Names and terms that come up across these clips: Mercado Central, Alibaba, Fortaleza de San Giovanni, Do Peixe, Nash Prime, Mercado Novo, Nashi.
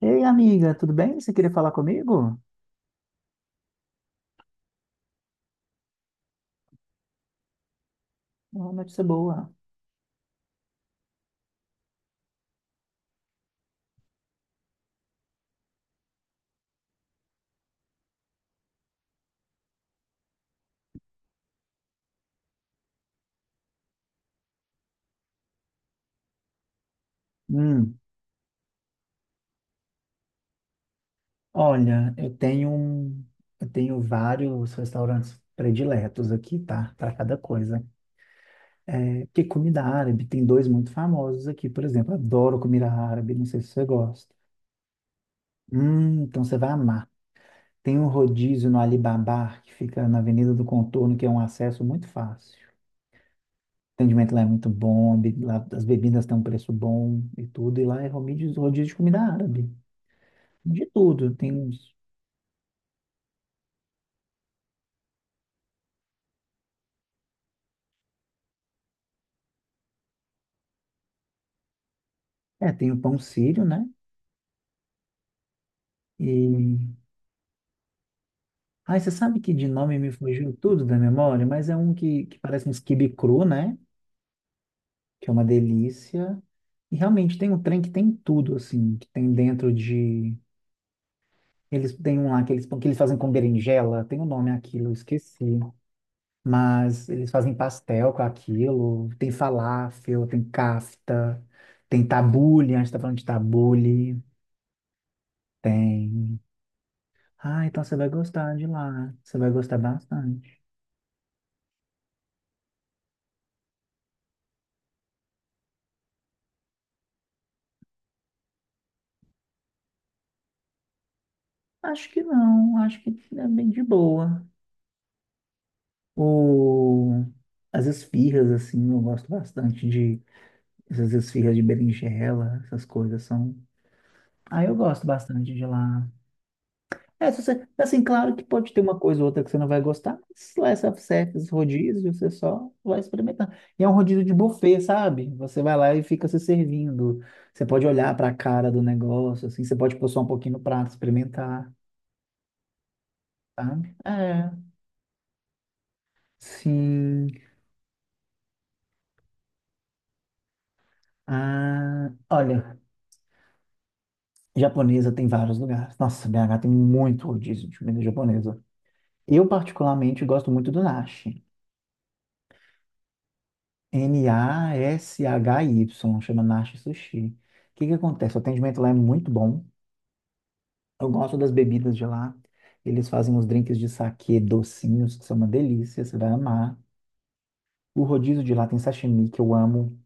Ei, amiga, tudo bem? Você queria falar comigo? Uma notícia boa. Hum, olha, eu tenho vários restaurantes prediletos aqui, tá? Para cada coisa. É, que comida árabe, tem dois muito famosos aqui, por exemplo. Adoro comida árabe, não sei se você gosta. Então você vai amar. Tem um rodízio no Alibaba, que fica na Avenida do Contorno, que é um acesso muito fácil. O atendimento lá é muito bom, lá as bebidas têm um preço bom e tudo, e lá é rodízio, rodízio de comida árabe. De tudo. Tem uns. É, tem o pão sírio, né? E. Ai, você sabe que de nome me fugiu tudo da memória, mas é um que parece um quibe cru, né? Que é uma delícia. E realmente tem um trem que tem tudo, assim, que tem dentro de. Eles têm um lá que eles fazem com berinjela, tem um nome aquilo, eu esqueci. Mas eles fazem pastel com aquilo, tem falafel, tem kafta, tem tabule, a gente tá falando de tabule, tem. Ah, então você vai gostar de lá. Você vai gostar bastante. Acho que não, acho que é bem de boa. O... As esfirras, assim, eu gosto bastante de essas esfirras de berinjela, essas coisas são. Ah, eu gosto bastante de lá. É, se você... assim, claro que pode ter uma coisa ou outra que você não vai gostar, mas lá é self-service, esses rodízios, você só vai experimentando. E é um rodízio de buffet, sabe? Você vai lá e fica se servindo. Você pode olhar para a cara do negócio, assim, você pode pôr só um pouquinho no prato, experimentar. Sabe? É, sim. Ah, olha, japonesa tem vários lugares. Nossa, BH tem muito rodízio de comida japonesa. Eu, particularmente, gosto muito do Nashi. Nashy, chama Nashi Sushi. O que que acontece? O atendimento lá é muito bom. Eu gosto das bebidas de lá. Eles fazem os drinks de saquê docinhos, que são uma delícia, você vai amar. O rodízio de lá tem sashimi, que eu amo.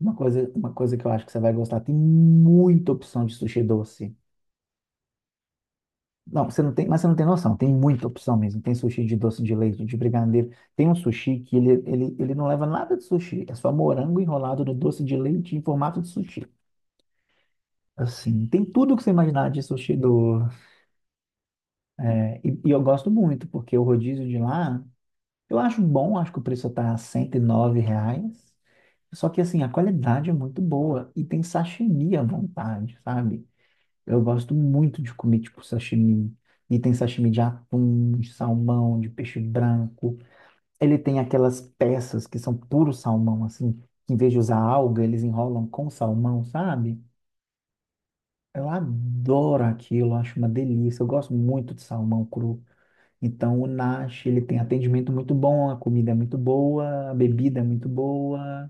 Uma coisa que eu acho que você vai gostar, tem muita opção de sushi doce. Não, você não tem, mas você não tem noção. Tem muita opção mesmo. Tem sushi de doce de leite, de brigadeiro. Tem um sushi que ele não leva nada de sushi. É só morango enrolado no doce de leite em formato de sushi. Assim, tem tudo que você imaginar de sushi do... É, e eu gosto muito, porque o rodízio de lá, eu acho bom. Acho que o preço tá R$ 109. Só que, assim, a qualidade é muito boa. E tem sashimi à vontade, sabe? Eu gosto muito de comer, tipo, sashimi. E tem sashimi de atum, de salmão, de peixe branco. Ele tem aquelas peças que são puro salmão, assim, que em vez de usar alga, eles enrolam com salmão, sabe? Eu adoro aquilo, acho uma delícia. Eu gosto muito de salmão cru. Então, o Nash, ele tem atendimento muito bom, a comida é muito boa, a bebida é muito boa.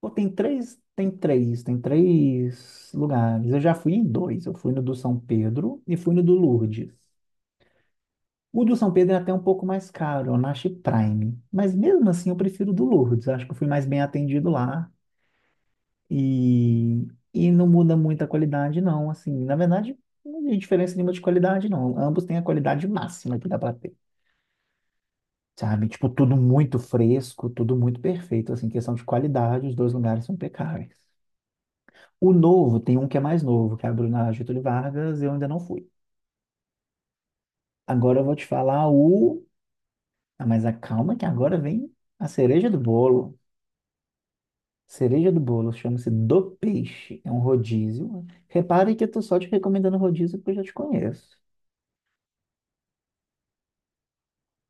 Pô, tem três lugares. Eu já fui em dois. Eu fui no do São Pedro e fui no do Lourdes. O do São Pedro é até um pouco mais caro, é o Nash Prime. Mas mesmo assim eu prefiro o do Lourdes. Acho que eu fui mais bem atendido lá. E, e não muda muito a qualidade, não. Assim, na verdade, não tem diferença nenhuma de qualidade, não. Ambos têm a qualidade máxima que dá para ter. Sabe? Tipo, tudo muito fresco, tudo muito perfeito. Assim, questão de qualidade, os dois lugares são impecáveis. O novo, tem um que é mais novo, que abriu na Getúlio Vargas, eu ainda não fui. Agora eu vou te falar o. Ah, mas acalma que agora vem a cereja do bolo. Cereja do bolo chama-se Do Peixe. É um rodízio. Repare que eu tô só te recomendando rodízio porque eu já te conheço.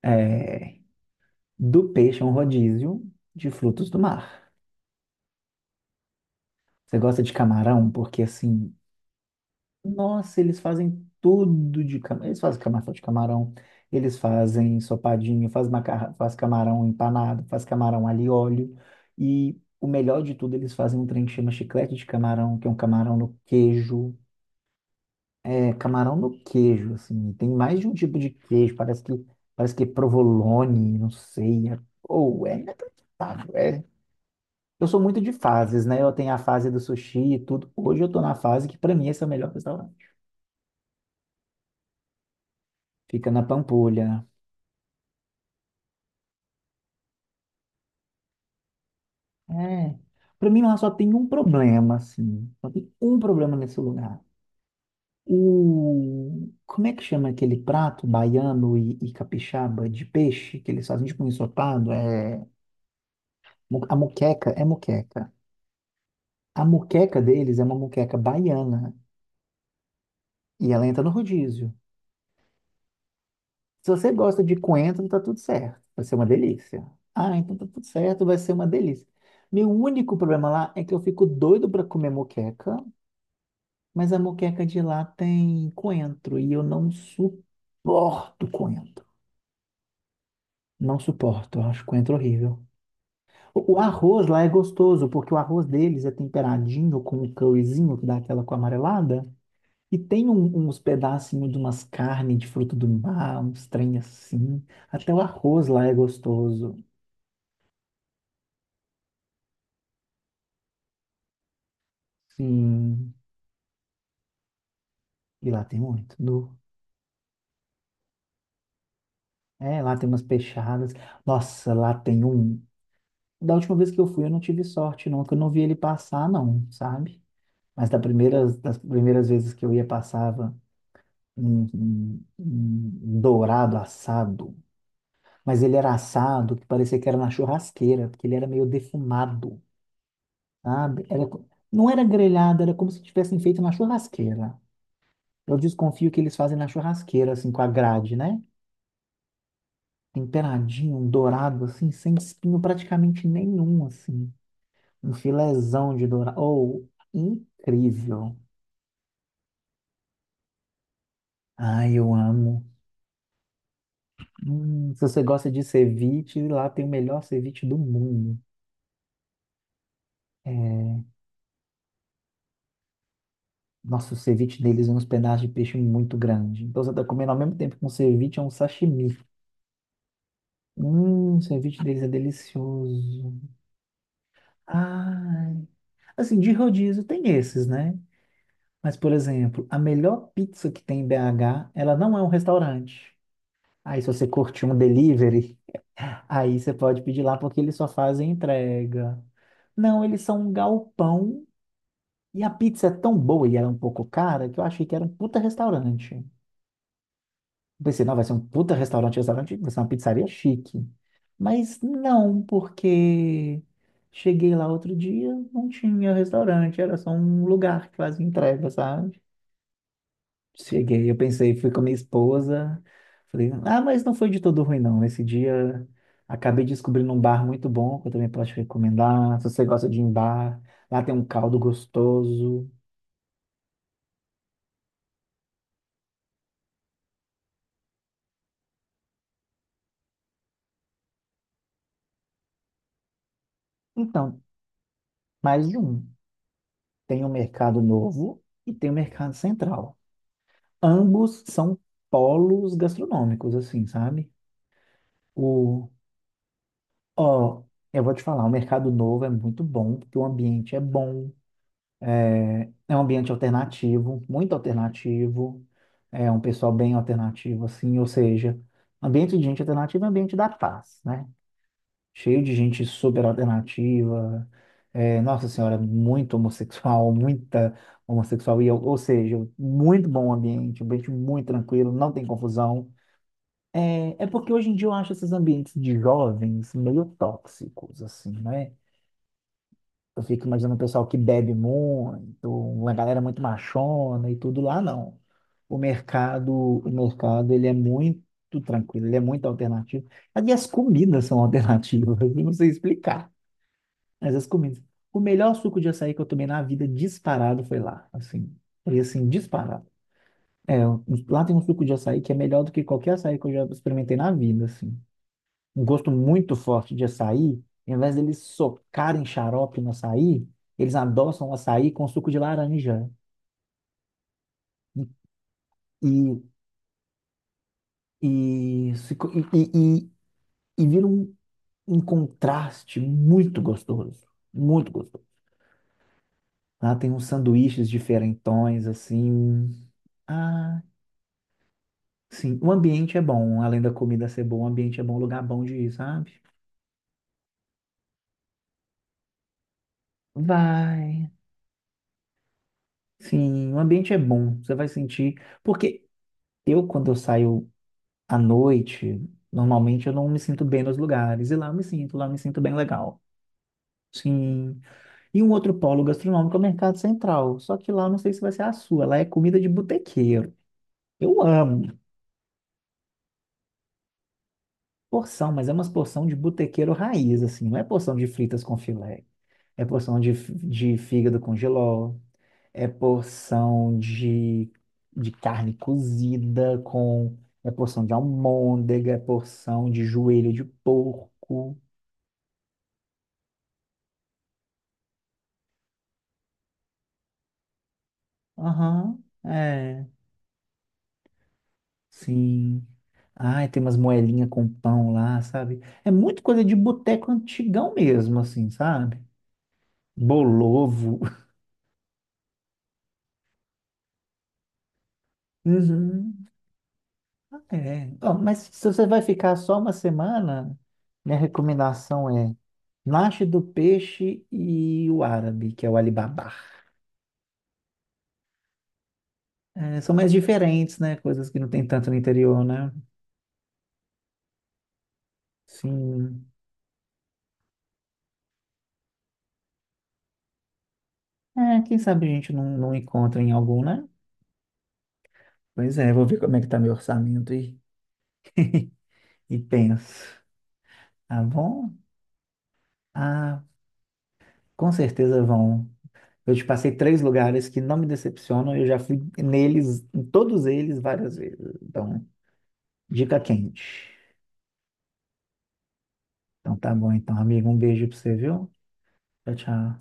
É... Do Peixe é um rodízio de frutos do mar. Você gosta de camarão? Porque assim, nossa, eles fazem tudo de camarão. Eles fazem camarão de camarão, eles fazem ensopadinho, faz macarrão, faz camarão empanado, faz camarão alho e óleo. E o melhor de tudo, eles fazem um trem que chama chiclete de camarão, que é um camarão no queijo. É camarão no queijo, assim. Tem mais de um tipo de queijo, parece que é provolone, não sei. É, ou é inacreditável. É. Eu sou muito de fases, né? Eu tenho a fase do sushi e tudo. Hoje eu tô na fase que pra mim esse é o melhor restaurante. Fica na Pampulha. É. Para mim lá só tem um problema, assim. Só tem um problema nesse lugar. O... Como é que chama aquele prato baiano e capixaba de peixe que eles fazem tipo um ensopado? É... A moqueca é moqueca. A moqueca deles é uma moqueca baiana e ela entra no rodízio. Se você gosta de coentro, tá tudo certo. Vai ser uma delícia. Ah, então tá tudo certo, vai ser uma delícia. Meu único problema lá é que eu fico doido para comer moqueca. Mas a moqueca de lá tem coentro e eu não suporto coentro. Não suporto, eu acho coentro horrível. O arroz lá é gostoso, porque o arroz deles é temperadinho com um curryzinho que dá aquela com amarelada. E tem uns pedacinhos de umas carnes de fruto do mar, uns trem assim. Até o arroz lá é gostoso. Sim, e lá tem muito. No, é, lá tem umas peixadas. Nossa, lá tem um. Da última vez que eu fui, eu não tive sorte, não, que eu não vi ele passar, não, sabe? Mas da primeira, das primeiras vezes que eu ia, passava um dourado assado. Mas ele era assado, que parecia que era na churrasqueira, porque ele era meio defumado, sabe? Era, não era grelhado, era como se tivessem feito na churrasqueira. Eu desconfio que eles fazem na churrasqueira, assim, com a grade, né? Temperadinho, um dourado, assim, sem espinho praticamente nenhum, assim. Um filézão de dourado. Oh, incrível. Ai, eu amo. Se você gosta de ceviche, lá tem o melhor ceviche do mundo. É, nossa, o ceviche deles é uns pedaços de peixe muito grande. Então você está comendo ao mesmo tempo que um ceviche é um sashimi. O ceviche deles é delicioso. Ai. Assim, de rodízio tem esses, né? Mas, por exemplo, a melhor pizza que tem em BH, ela não é um restaurante. Aí, se você curtir um delivery, aí você pode pedir lá porque eles só fazem entrega. Não, eles são um galpão e a pizza é tão boa e era um pouco cara que eu achei que era um puta restaurante. Eu pensei, não, vai ser um puta restaurante, restaurante, vai ser uma pizzaria chique. Mas não, porque cheguei lá outro dia, não tinha restaurante, era só um lugar que fazia entrega, sabe? Cheguei, eu pensei, fui com a minha esposa. Falei, ah, mas não foi de todo ruim, não. Esse dia acabei descobrindo um bar muito bom que eu também posso te recomendar. Se você gosta de ir em bar, lá tem um caldo gostoso. Então, mais de um. Tem o Mercado Novo e tem o Mercado Central. Ambos são polos gastronômicos, assim, sabe? O, ó, eu vou te falar, o Mercado Novo é muito bom, porque o ambiente é bom. É um ambiente alternativo, muito alternativo, é um pessoal bem alternativo, assim, ou seja, ambiente de gente alternativa é ambiente da paz, né? Cheio de gente super alternativa, é, nossa senhora, muito homossexual, muita homossexual, e ou seja, muito bom ambiente, um ambiente muito tranquilo, não tem confusão. É, é porque hoje em dia eu acho esses ambientes de jovens meio tóxicos, assim, né? Eu fico imaginando o pessoal que bebe muito, uma galera muito machona e tudo lá, não. O mercado, o mercado, ele é muito tranquilo, ele é muito alternativo. E as comidas são alternativas, eu não sei explicar, mas as comidas. O melhor suco de açaí que eu tomei na vida disparado foi lá, assim, foi assim, disparado. É, um, lá tem um suco de açaí que é melhor do que qualquer açaí que eu já experimentei na vida, assim um gosto muito forte de açaí, ao invés deles socarem xarope no açaí, eles adoçam o açaí com suco de laranja. E, e, se co- e vira um, um contraste muito gostoso. Muito gostoso. Lá tem uns sanduíches diferentões, assim. Ah, sim. O ambiente é bom, além da comida ser boa, o ambiente é bom, um lugar bom de ir, sabe? Vai. Sim, o ambiente é bom. Você vai sentir. Porque eu, quando eu saio, à noite, normalmente eu não me sinto bem nos lugares, e lá eu me sinto, lá eu me sinto bem legal. Sim. E um outro polo gastronômico é o Mercado Central, só que lá eu não sei se vai ser a sua, lá é comida de botequeiro. Eu amo porção, mas é umas porção de botequeiro raiz, assim, não é porção de fritas com filé, é porção de, de fígado com jiló, é porção de carne cozida com, é porção de almôndega, é porção de joelho de porco. Aham, é, sim. Ai, tem umas moelinhas com pão lá, sabe? É muito coisa de boteco antigão mesmo, assim, sabe? Bolovo. Uhum, é. Ó, mas se você vai ficar só uma semana, minha recomendação é Nache do Peixe e o Árabe, que é o Alibaba. É, são mais diferentes, né? Coisas que não tem tanto no interior, né? Sim. É, quem sabe a gente não, não encontra em algum, né? Pois é, vou ver como é que tá meu orçamento e e penso, ah, bom, ah, com certeza vão. Eu te passei três lugares que não me decepcionam, eu já fui neles, em todos eles, várias vezes. Então, dica quente. Então tá bom, então, amigo, um beijo pra você, viu? Tchau, tchau.